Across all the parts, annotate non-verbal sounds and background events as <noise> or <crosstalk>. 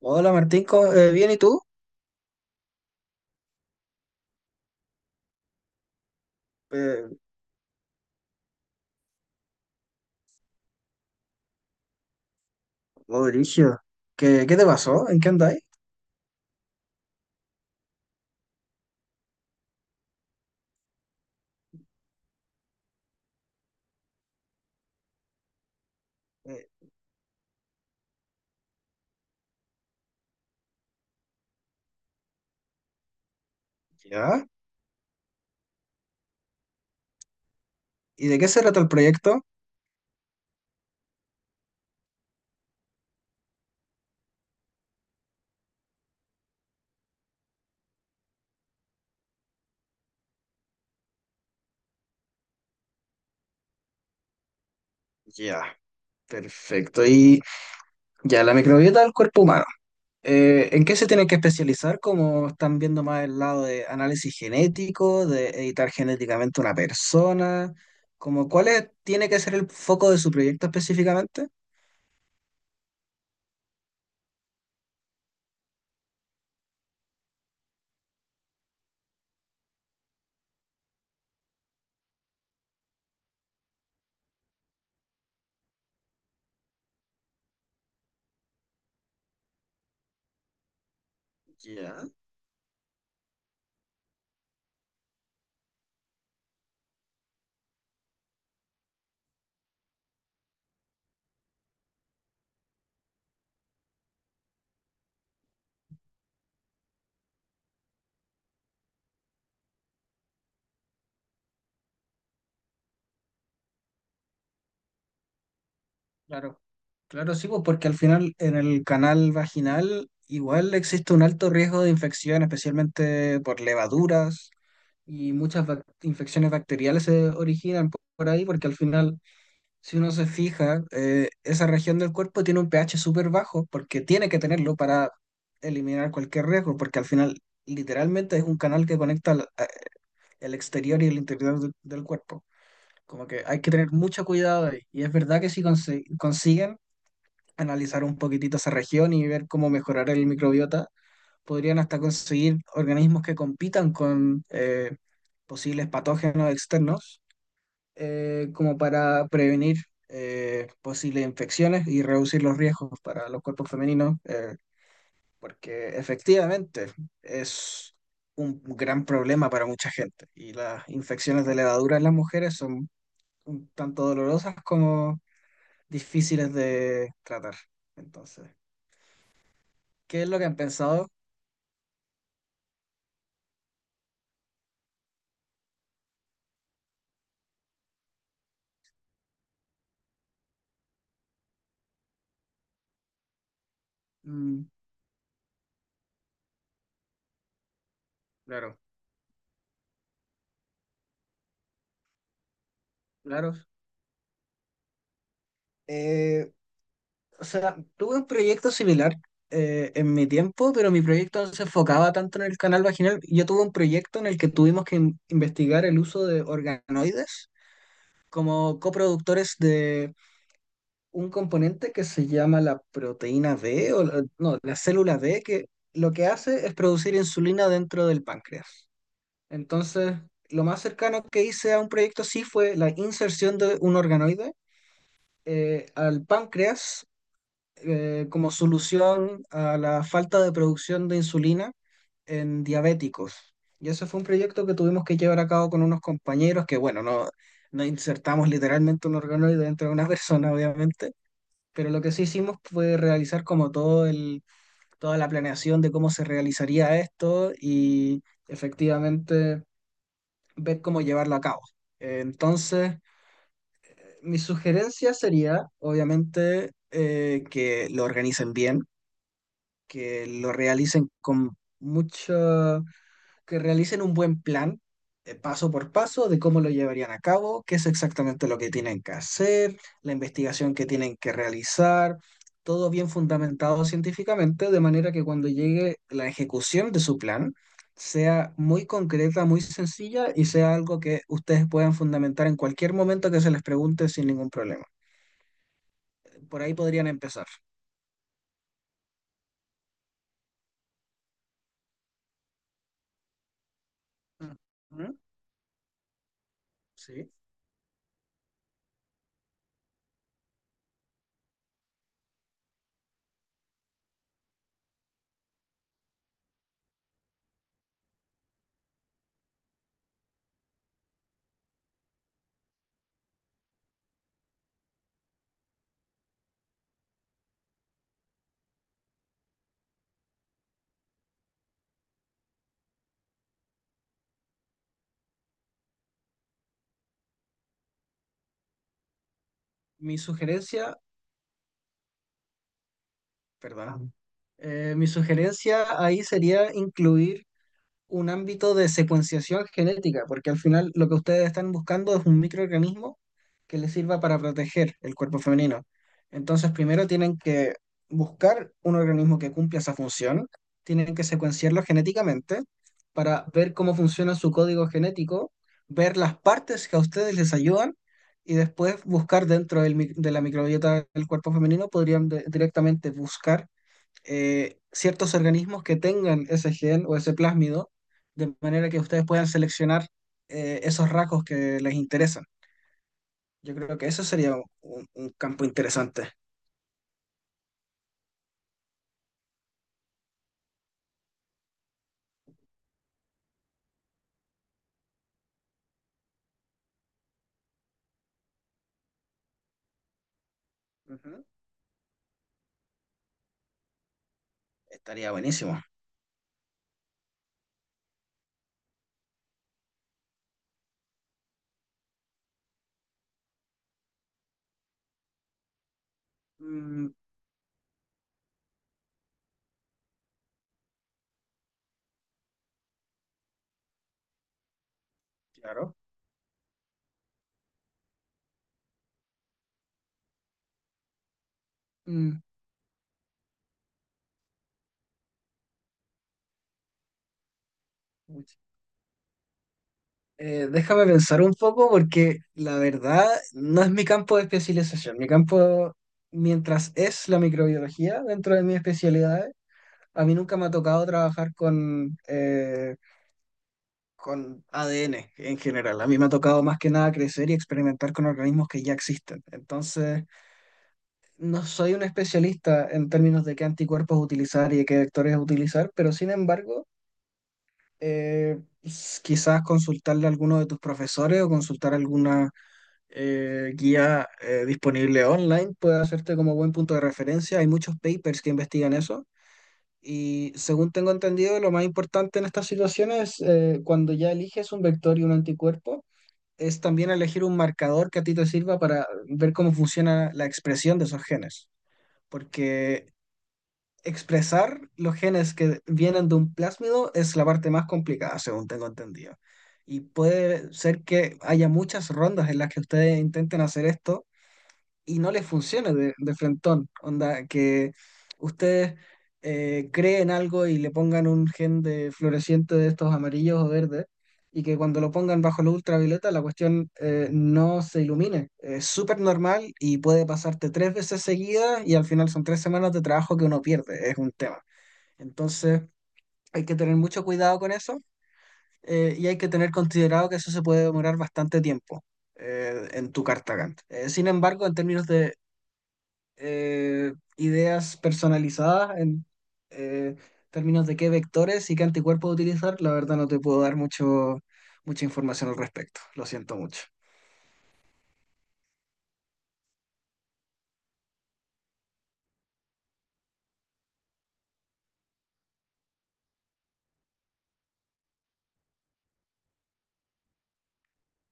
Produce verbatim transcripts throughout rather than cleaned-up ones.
Hola Martín, ¿cómo- eh, ¿bien y tú? Eh, oh, brígido. ¿Qué, qué te pasó? ¿En qué andáis? Eh, ya. ¿Y de qué se trata el proyecto? Ya, perfecto. Y ya, la microbiota del cuerpo humano. Eh, ¿en qué se tiene que especializar? ¿Como están viendo más el lado de análisis genético, de editar genéticamente una persona? Como, ¿cuál es- tiene que ser el foco de su proyecto específicamente? Ya. Claro, claro, sí, pues, porque al final en el canal vaginal igual existe un alto riesgo de infección, especialmente por levaduras y muchas bac- infecciones bacteriales se originan po- por ahí, porque al final, si uno se fija, eh, esa región del cuerpo tiene un pH súper bajo, porque tiene que tenerlo para eliminar cualquier riesgo, porque al final literalmente es un canal que conecta al- a- el exterior y el interior del del cuerpo. Como que hay que tener mucho cuidado ahí. Y es verdad que si consiguen analizar un poquitito esa región y ver cómo mejorar el microbiota. Podrían hasta conseguir organismos que compitan con eh, posibles patógenos externos, eh, como para prevenir eh, posibles infecciones y reducir los riesgos para los cuerpos femeninos, eh, porque efectivamente es un gran problema para mucha gente y las infecciones de levadura en las mujeres son un tanto dolorosas como difíciles de tratar. Entonces, ¿qué es lo que han pensado? Mm. Claro, claro. Eh, o sea, tuve un proyecto similar eh, en mi tiempo, pero mi proyecto no se enfocaba tanto en el canal vaginal. Yo tuve un proyecto en el que tuvimos que in- investigar el uso de organoides como coproductores de un componente que se llama la proteína B, o la- no, la célula B, que lo que hace es producir insulina dentro del páncreas. Entonces, lo más cercano que hice a un proyecto así fue la inserción de un organoide eh, al páncreas eh, como solución a la falta de producción de insulina en diabéticos. Y ese fue un proyecto que tuvimos que llevar a cabo con unos compañeros que, bueno, no, no insertamos literalmente un organoide dentro de una <laughs> persona, obviamente, pero lo que sí hicimos fue realizar como todo el, toda la planeación de cómo se realizaría esto y efectivamente ver cómo llevarlo a cabo. Eh, Entonces... Mi sugerencia sería, obviamente, eh, que lo organicen bien, que lo realicen con mucho, que realicen un buen plan, eh, paso por paso, de cómo lo llevarían a cabo, qué es exactamente lo que tienen que hacer, la investigación que tienen que realizar, todo bien fundamentado científicamente, de manera que cuando llegue la ejecución de su plan, sea muy concreta, muy sencilla y sea algo que ustedes puedan fundamentar en cualquier momento que se les pregunte sin ningún problema. Por ahí podrían empezar. Ujú, sí. Mi sugerencia, perdón. Eh, mi sugerencia ahí sería incluir un ámbito de secuenciación genética, porque al final lo que ustedes están buscando es un microorganismo que les sirva para proteger el cuerpo femenino. Entonces, primero tienen que buscar un organismo que cumpla esa función, tienen que secuenciarlo genéticamente para ver cómo funciona su código genético, ver las partes que a ustedes les ayudan y después buscar dentro del mi- de la microbiota del cuerpo femenino, podrían de- directamente buscar eh, ciertos organismos que tengan ese gen o ese plásmido, de manera que ustedes puedan seleccionar eh, esos rasgos que les interesan. Yo creo que eso sería un, un campo interesante. Ujú. Estaría buenísimo. Mm, claro. Mm, uy. Eh, déjame pensar un poco porque la verdad no es mi campo de especialización. Mi campo, mientras es la microbiología dentro de mis especialidades, a mí nunca me ha tocado trabajar con eh, con A D N en general. A mí me ha tocado más que nada crecer y experimentar con organismos que ya existen. Entonces, no soy un especialista en términos de qué anticuerpos utilizar y de qué vectores utilizar, pero sin embargo, eh, s- quizás consultarle a alguno de tus profesores o consultar alguna eh, guía eh, disponible online puede hacerte como buen punto de referencia. Hay muchos papers que investigan eso. Y según tengo entendido, lo más importante en estas situaciones, eh, cuando ya eliges un vector y un anticuerpo, es también elegir un marcador que a ti te sirva para ver cómo funciona la expresión de esos genes. Porque expresar los genes que vienen de un plásmido es la parte más complicada, según tengo entendido. Y puede ser que haya muchas rondas en las que ustedes intenten hacer esto y no les funcione de, de frentón. Onda, que ustedes eh, creen algo y le pongan un gen de floreciente de estos amarillos o verdes, y que cuando lo pongan bajo la ultravioleta la cuestión eh, no se ilumine. Es súper normal y puede pasarte tres veces seguidas y al final son tres semanas de trabajo que uno pierde. Es un tema. Entonces, hay que tener mucho cuidado con eso. Eh, y hay que tener considerado que eso se puede demorar bastante tiempo eh, en tu carta Gantt. Eh, sin embargo, en términos de eh, ideas personalizadas en eh, términos de qué vectores y qué anticuerpos utilizar, la verdad no te puedo dar mucho, mucha información al respecto. Lo siento mucho.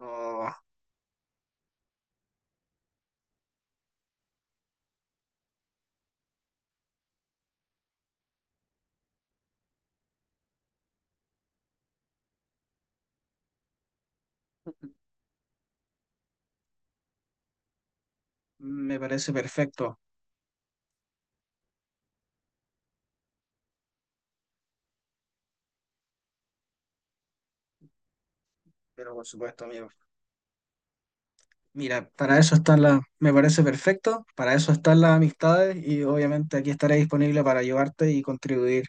No, me parece perfecto, pero por supuesto, amigo. Mira, para eso están las, me parece perfecto, para eso están las amistades y obviamente aquí estaré disponible para ayudarte y contribuir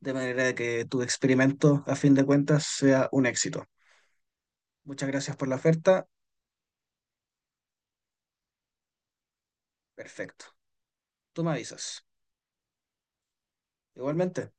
de manera que tu experimento, a fin de cuentas, sea un éxito. Muchas gracias por la oferta. Perfecto. Tú me avisas. Igualmente.